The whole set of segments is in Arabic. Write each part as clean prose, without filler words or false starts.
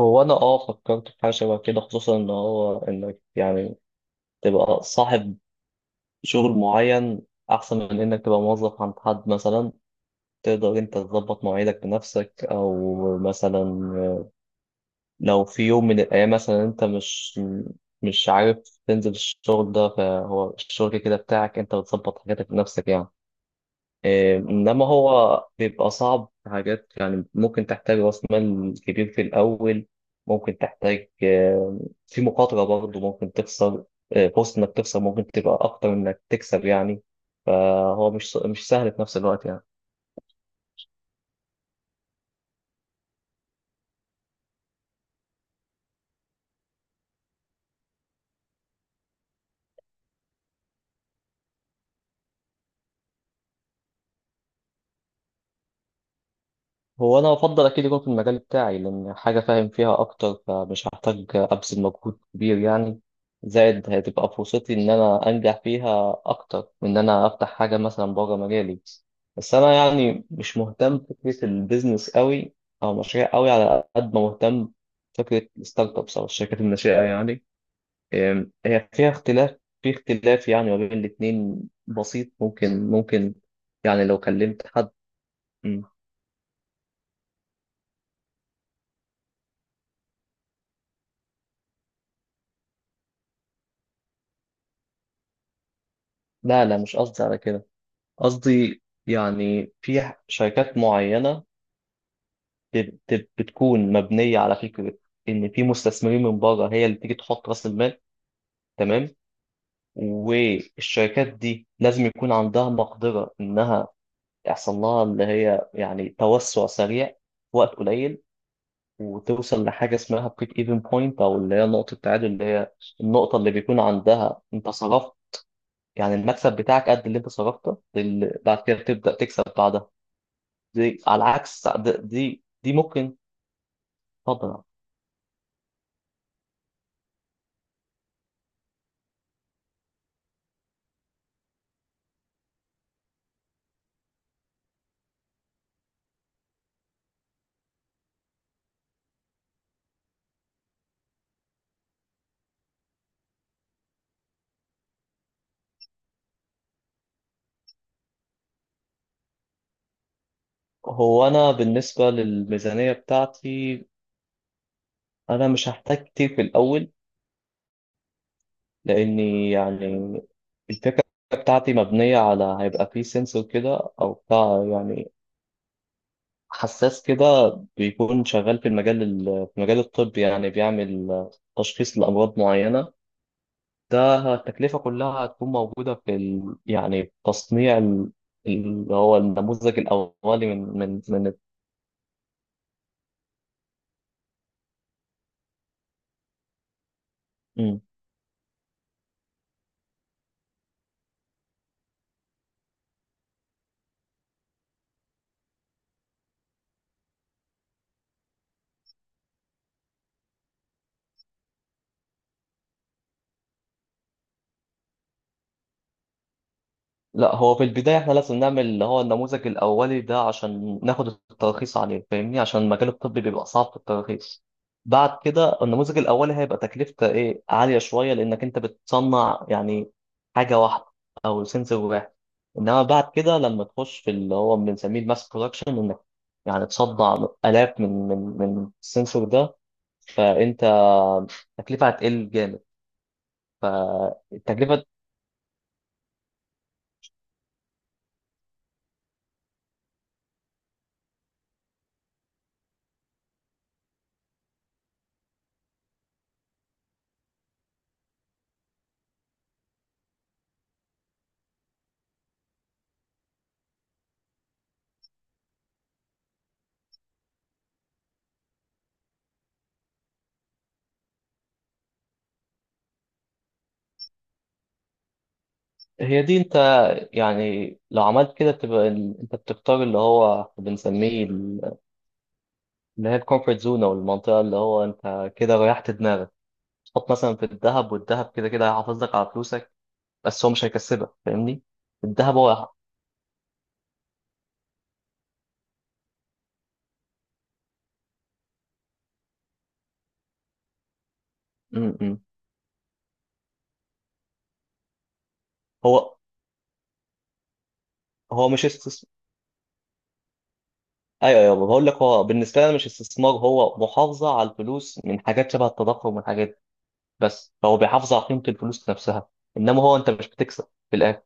هو انا فكرت في حاجه شبه كده، خصوصا ان هو انك يعني تبقى صاحب شغل معين احسن من انك تبقى موظف عند حد مثلا. تقدر انت تظبط مواعيدك بنفسك، او مثلا لو في يوم من الايام مثلا انت مش عارف تنزل الشغل ده، فهو الشغل كده بتاعك، انت بتظبط حاجاتك بنفسك يعني. إيه، إنما هو بيبقى صعب في حاجات، يعني ممكن تحتاج رأس مال كبير في الأول، ممكن تحتاج، في مخاطرة برضه ممكن تخسر. فرصة إنك تخسر ممكن تبقى أكتر من إنك تكسب يعني. فهو مش سهل في نفس الوقت يعني. هو أنا أفضل أكيد يكون في المجال بتاعي، لأن حاجة فاهم فيها أكتر، فمش هحتاج أبذل مجهود كبير يعني. زائد هتبقى فرصتي إن أنا أنجح فيها أكتر من إن أنا أفتح حاجة مثلا بره مجالي. بس أنا يعني مش مهتم بفكرة البيزنس قوي أو مشاريع قوي، على قد ما مهتم فكرة الستارت أبس أو الشركات الناشئة يعني. هي فيها اختلاف في اختلاف يعني ما بين الاتنين بسيط، ممكن يعني لو كلمت حد. مم. لا مش قصدي على كده. قصدي يعني في شركات معينة بتكون مبنية على فكرة إن في مستثمرين من بره هي اللي تيجي تحط رأس المال، تمام. والشركات دي لازم يكون عندها مقدرة إنها يحصل لها اللي هي يعني توسع سريع في وقت قليل، وتوصل لحاجة اسمها بريك ايفن بوينت أو اللي هي نقطة التعادل، اللي هي النقطة اللي بيكون عندها أنت صرفت، يعني المكسب بتاعك قد اللي أنت صرفته، اللي بعد كده تبدأ تكسب بعدها. دي على العكس دي ممكن تضرب. هو انا بالنسبه للميزانيه بتاعتي انا مش هحتاج كتير في الاول، لاني يعني الفكره بتاعتي مبنيه على هيبقى فيه سنسور كده او بتاع، يعني حساس كده بيكون شغال في في مجال الطب، يعني بيعمل تشخيص لامراض معينه. ده التكلفه كلها هتكون موجوده في ال... يعني اللي هو النموذج الاولي من. لا، هو في البداية احنا لازم نعمل اللي هو النموذج الأولي ده عشان ناخد الترخيص عليه، فاهمني، عشان المجال الطبي بيبقى صعب في الترخيص. بعد كده النموذج الأولي هيبقى تكلفته ايه عالية شوية، لأنك أنت بتصنع يعني حاجة واحدة أو سنسور واحد. إنما بعد كده لما تخش في اللي هو بنسميه الماس برودكشن، إنك يعني تصنع آلاف من السنسور ده، فأنت التكلفة هتقل جامد. فالتكلفة هي دي. انت يعني لو عملت كده بتبقى انت بتختار اللي هو اللي هي الكومفورت زون او المنطقه، اللي هو انت كده ريحت دماغك. تحط مثلا في الذهب، والذهب كده كده هيحافظ لك على فلوسك، بس هو مش هيكسبك فاهمني. الذهب هو، م -م. هو هو مش استثمار. ايوه ايوه، بقول لك هو بالنسبه لي مش استثمار، هو محافظه على الفلوس من حاجات شبه التضخم والحاجات دي بس، فهو بيحافظ على قيمه الفلوس نفسها، انما هو انت مش بتكسب في الاخر.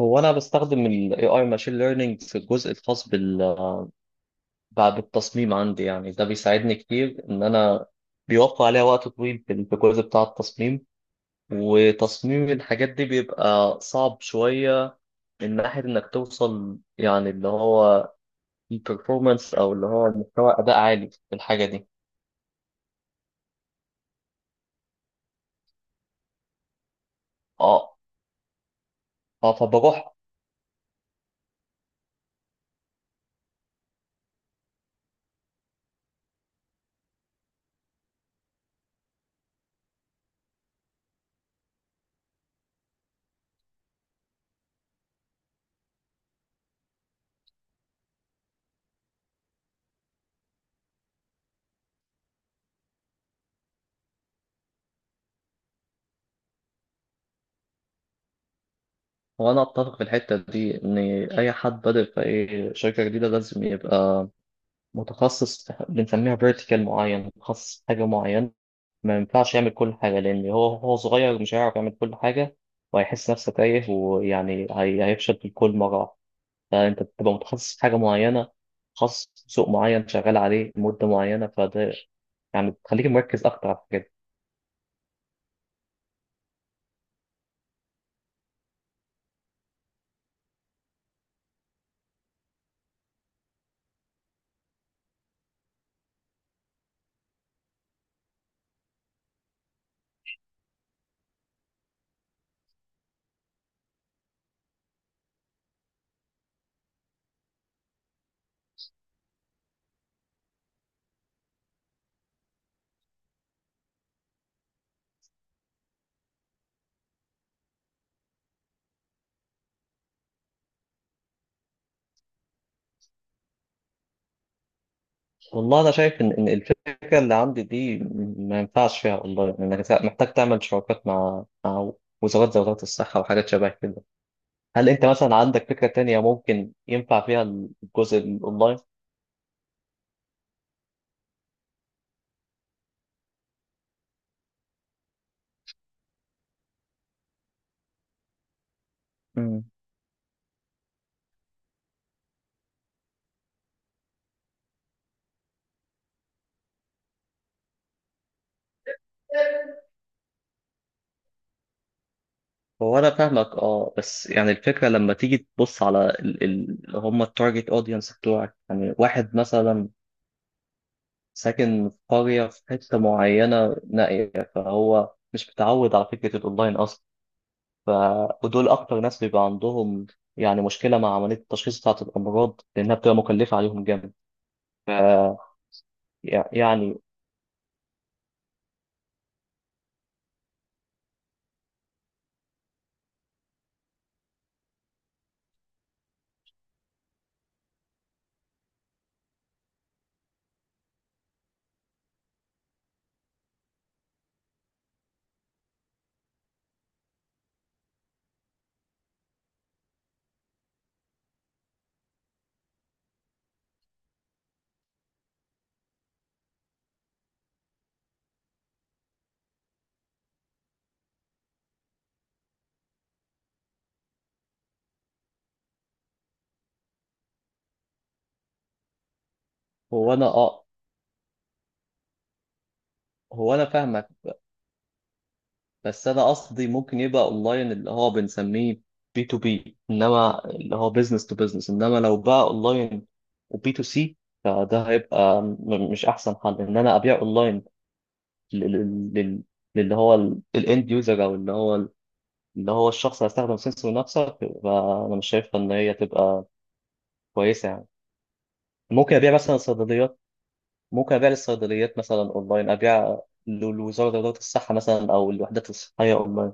هو انا بستخدم ال AI Machine Learning في الجزء الخاص بال بعد التصميم عندي، يعني ده بيساعدني كتير ان انا بيوفر عليا وقت طويل في في الجزء بتاع التصميم. وتصميم الحاجات دي بيبقى صعب شوية من ناحية انك توصل يعني اللي هو البرفورمانس او اللي هو مستوى اداء عالي في الحاجة دي. اه، اه، فبروح. وانا اتفق في الحتة دي ان اي حد بادئ في اي شركة جديدة لازم يبقى متخصص بنسميها فيرتيكال معين، متخصص في حاجة معينة. ما ينفعش يعمل كل حاجة، لأن هو صغير مش هيعرف يعمل كل حاجة، وهيحس نفسه تايه، ويعني هيفشل في كل مرة واحدة. فأنت بتبقى متخصص في حاجة معينة، متخصص في سوق معين شغال عليه مدة معينة، فده يعني بتخليك مركز أكتر على الحاجات دي. والله أنا شايف إن الفكرة اللي عندي دي ما ينفعش فيها والله، إنك محتاج تعمل شراكات مع مع وزارات زي وزارة الصحة وحاجات شبه كده. هل انت مثلا عندك فكرة تانية ممكن ينفع فيها الجزء الاونلاين؟ مم. هو انا فاهمك اه، بس يعني الفكره لما تيجي تبص على اللي هم التارجت اودينس بتوعك، يعني واحد مثلا ساكن في قريه في حته معينه نائيه، فهو مش متعود على فكره الاونلاين اصلا. ف ودول اكتر ناس بيبقى عندهم يعني مشكله مع عمليه التشخيص بتاعه الامراض، لانها بتبقى مكلفه عليهم جامد. ف يعني هو انا اه هو انا فاهمك، بس انا قصدي ممكن يبقى اونلاين اللي هو بنسميه بي تو بي، انما اللي هو بزنس تو بزنس، انما لو بقى اونلاين وبي تو سي، فده هيبقى مش احسن حل ان انا ابيع اونلاين لل- لل- لل- للي هو الاند يوزر، او اللي هو اللي هو الشخص اللي هيستخدم سنسور نفسه. فانا مش شايفه ان هي تبقى كويسه يعني. ممكن ابيع مثلا صيدليات ممكن ابيع للصيدليات مثلا اونلاين، ابيع لوزاره الصحه مثلا او الوحدات الصحيه اونلاين،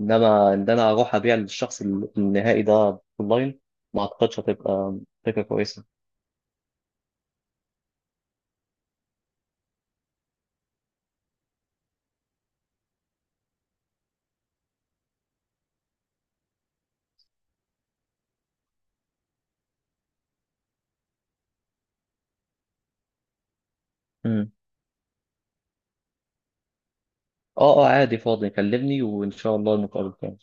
انما ان انا اروح ابيع للشخص النهائي ده اونلاين ما اعتقدش هتبقى فكره كويسه. مم. اه اه، عادي فاضي، كلمني وان شاء الله نتقابل تاني.